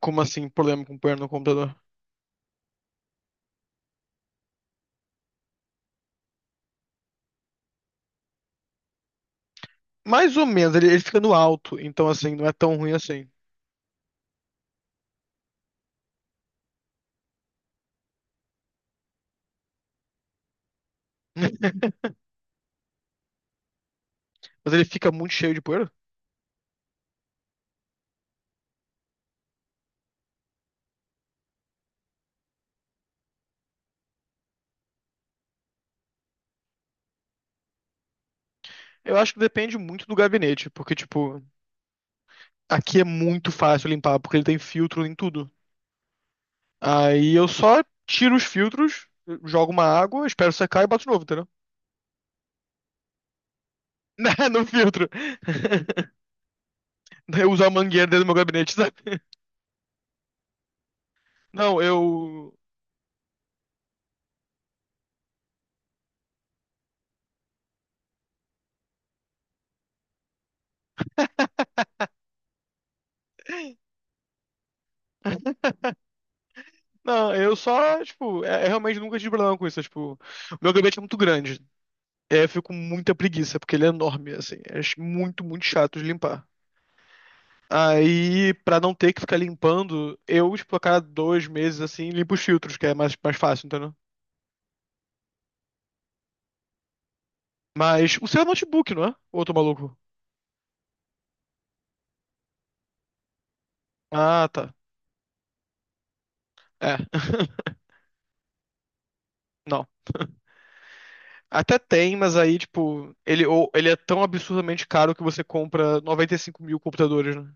Como assim, problema com o poeira no computador? Mais ou menos, ele fica no alto, então assim, não é tão ruim assim. Mas ele fica muito cheio de poeira? Eu acho que depende muito do gabinete, porque, tipo, aqui é muito fácil limpar, porque ele tem filtro em tudo. Aí eu só tiro os filtros, jogo uma água, espero secar e boto de novo, entendeu? Né, no filtro. Daí eu uso a mangueira dentro do meu gabinete, sabe? Não, eu. Não, eu só, tipo, é realmente nunca tive problema com isso. Tipo, o meu gabinete é muito grande. É, eu fico com muita preguiça, porque ele é enorme, assim. É muito, muito chato de limpar. Aí, pra não ter que ficar limpando, eu, tipo, a cada dois meses, assim, limpo os filtros, que é mais, mais fácil, entendeu? Mas o seu é notebook, não é? Ou eu tô maluco? Ah, tá. É. Não. Até tem, mas aí, tipo, ele é tão absurdamente caro que você compra 95 mil computadores, né?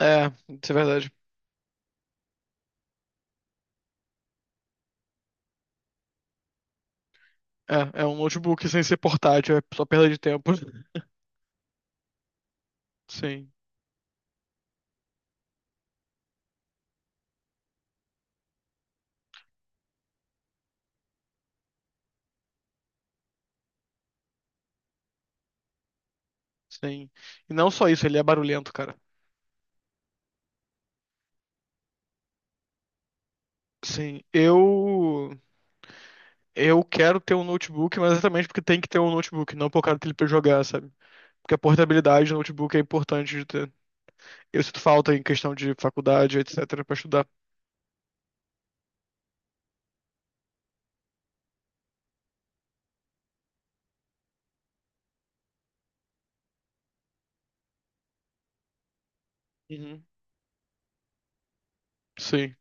É, isso é verdade. É, é um notebook sem ser portátil, é só perda de tempo. Sim, sim. E não só isso, ele é barulhento, cara. Sim, eu quero ter um notebook, mas exatamente porque tem que ter um notebook, não por causa dele pra jogar, sabe? Porque a portabilidade do notebook é importante de ter. Eu sinto falta em questão de faculdade, etc, pra estudar. Uhum. Sim.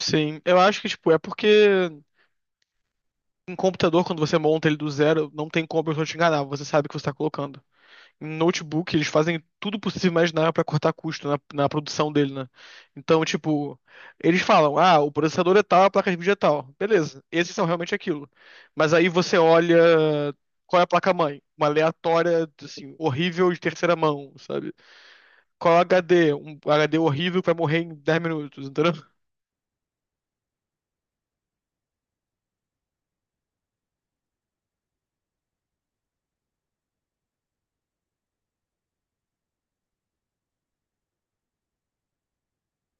Sim, eu acho que tipo é porque em computador quando você monta ele do zero, não tem como eu te enganar, você sabe o que você tá colocando. Em notebook, eles fazem tudo possível e imaginável para cortar custo na produção dele, né? Então, tipo, eles falam, ah, o processador é tal, a placa de vídeo é tal. Beleza, esses são realmente aquilo. Mas aí você olha qual é a placa-mãe? Uma aleatória, assim, horrível de terceira mão, sabe? Qual é o HD? Um HD horrível que vai morrer em 10 minutos, entendeu?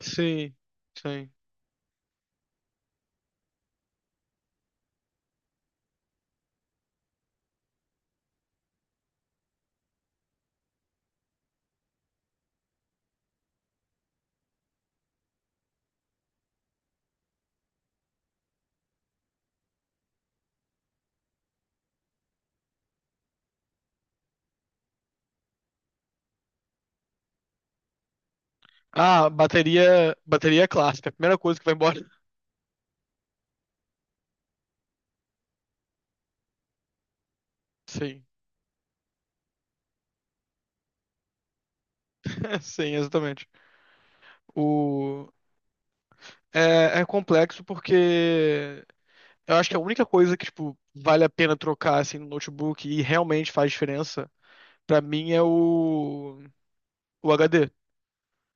Sim, sim. Ah, bateria, bateria é clássica, é a primeira coisa que vai embora. Sim, sim, exatamente. O É, é complexo porque eu acho que a única coisa que, tipo, vale a pena trocar, assim, no notebook e realmente faz diferença, pra mim é o HD.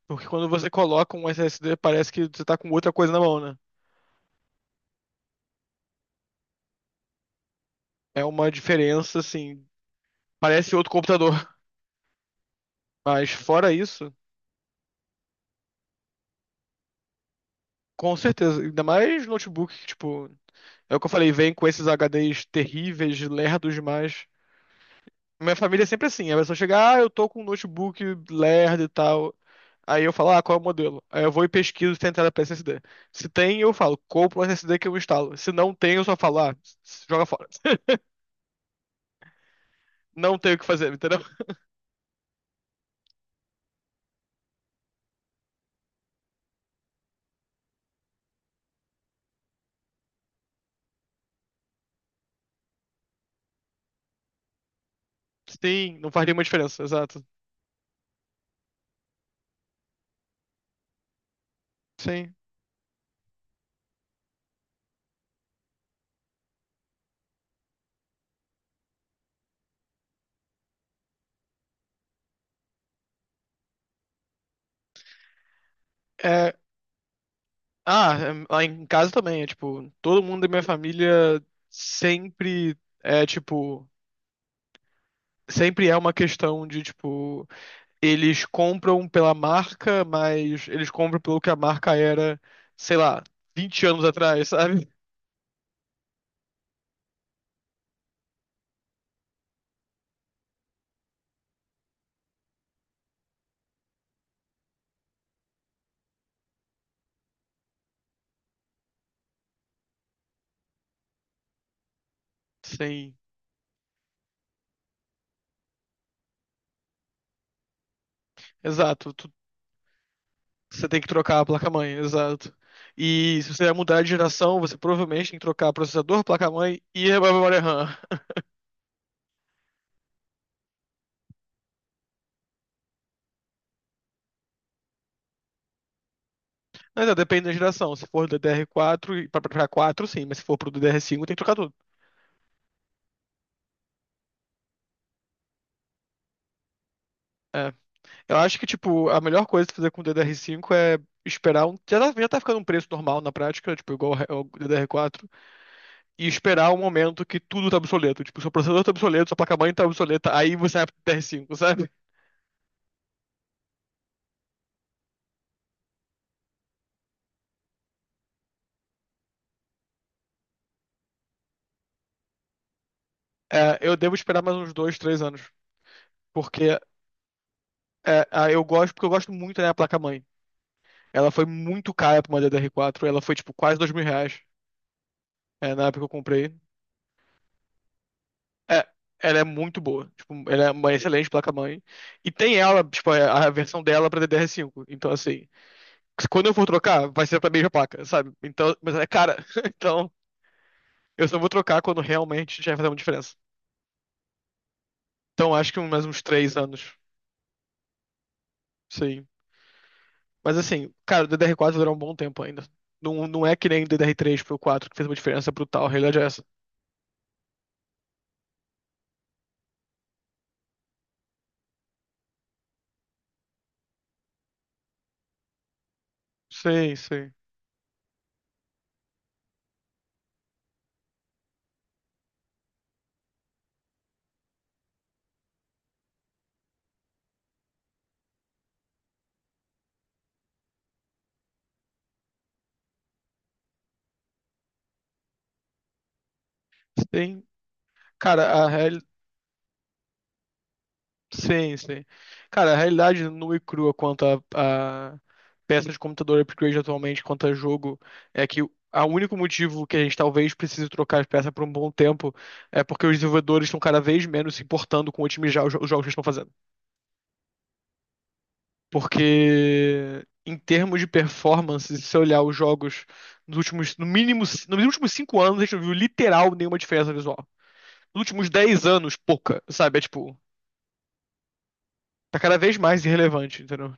Porque quando você coloca um SSD, parece que você tá com outra coisa na mão, né? É uma diferença, assim, parece outro computador. Mas fora isso, com certeza, ainda mais notebook, que, tipo, é o que eu falei, vem com esses HDs terríveis, lerdos demais. Minha família é sempre assim. A pessoa chega, ah, eu tô com um notebook lerdo e tal. Aí eu falo, ah, qual é o modelo? Aí eu vou e pesquiso se tem entrada pra SSD. Se tem, eu falo, compro um SSD que eu instalo. Se não tem, eu só falo, ah, joga fora. Não tem o que fazer, entendeu? Sim, não faz nenhuma diferença, exato. Sim. É, ah, é, lá em casa também, é tipo, todo mundo da minha família sempre tipo, sempre é uma questão de, tipo, eles compram pela marca, mas eles compram pelo que a marca era, sei lá, 20 anos atrás, sabe? Sim, exato. Você tem que trocar a placa-mãe, exato. E se você vai mudar de geração, você provavelmente tem que trocar processador, placa-mãe e a memória RAM. Mas é, depende da geração. Se for do DDR4 e pra 4, sim, mas se for pro DDR5, tem que trocar tudo. É. Eu acho que, tipo, a melhor coisa de fazer com o DDR5 é esperar um. Já tá ficando um preço normal na prática, tipo, igual ao DDR4. E esperar o momento que tudo tá obsoleto. Tipo, seu processador tá obsoleto, sua placa-mãe tá obsoleta, aí você vai pro TR5, sabe? É, eu devo esperar mais uns dois, três anos. Porque eu gosto, porque eu gosto muito da minha placa-mãe. Ela foi muito cara pra uma DDR4, ela foi tipo quase R$ 2.000, é, na época que eu comprei. É, ela é muito boa. Tipo, ela é uma excelente placa-mãe. E tem ela, tipo, a versão dela pra DDR5. Então, assim, que quando eu for trocar, vai ser pra mesma placa, sabe? Então, mas é cara. Então, eu só vou trocar quando realmente já vai fazer uma diferença. Então, acho que mais uns três anos. Sim. Mas assim, cara, o DDR4 vai durar um bom tempo ainda. Não, não é que nem o DDR3 pro 4 que fez uma diferença brutal. A realidade é essa. Sim, sim. Sim. Cara, a real- Sim, sim. Cara, a realidade nua e crua quanto a peças de computador upgrade atualmente, quanto a jogo, é que o a único motivo que a gente talvez precise trocar as peças por um bom tempo é porque os desenvolvedores estão cada vez menos se importando com otimizar os jogos que eles estão fazendo. Porque, em termos de performance, se você olhar os jogos nos últimos, no mínimo, nos últimos 5 anos, a gente não viu literal nenhuma diferença visual. Nos últimos 10 anos, pouca, sabe? É tipo, tá cada vez mais irrelevante, entendeu?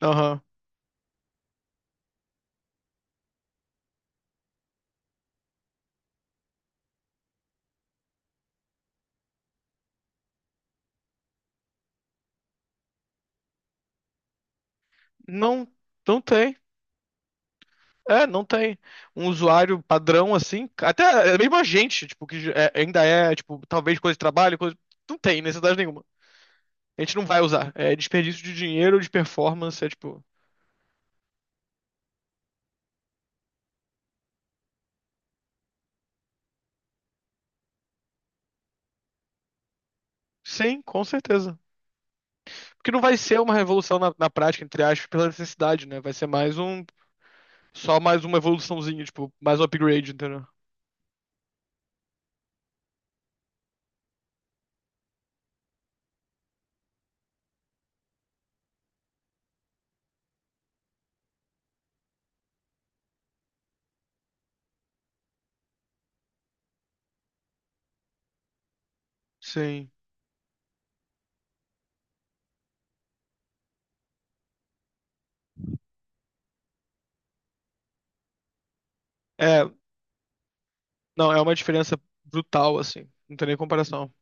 Aham. Não, não tem. É, não tem. Um usuário padrão assim, até é mesmo a gente, tipo, ainda é, tipo, talvez coisa de trabalho, coisa... não tem necessidade nenhuma. A gente não vai usar. É desperdício de dinheiro, de performance, é tipo, sim, com certeza. Porque não vai ser uma revolução na prática, entre aspas, pela necessidade, né? Vai ser só mais uma evoluçãozinha, tipo, mais um upgrade, entendeu? Sim. É, não, é uma diferença brutal, assim. Não tem nem comparação.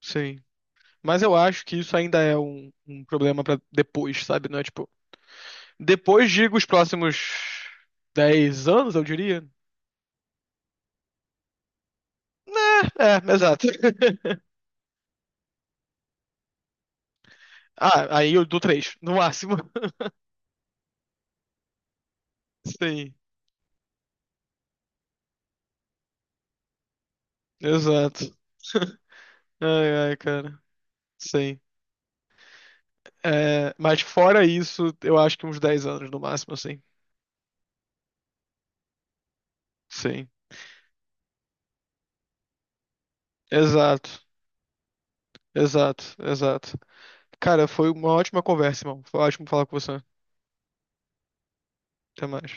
Sim. Mas eu acho que isso ainda é um problema pra depois, sabe? Não é tipo. Depois, digo, os próximos 10 anos, eu diria. Né, é, exato. Ah, aí eu dou três, no máximo. Sim, exato. Ai, ai, cara. Sim. É, mas fora isso, eu acho que uns 10 anos no máximo, assim. Sim. Exato. Exato, exato. Cara, foi uma ótima conversa, irmão. Foi ótimo falar com você. Até mais.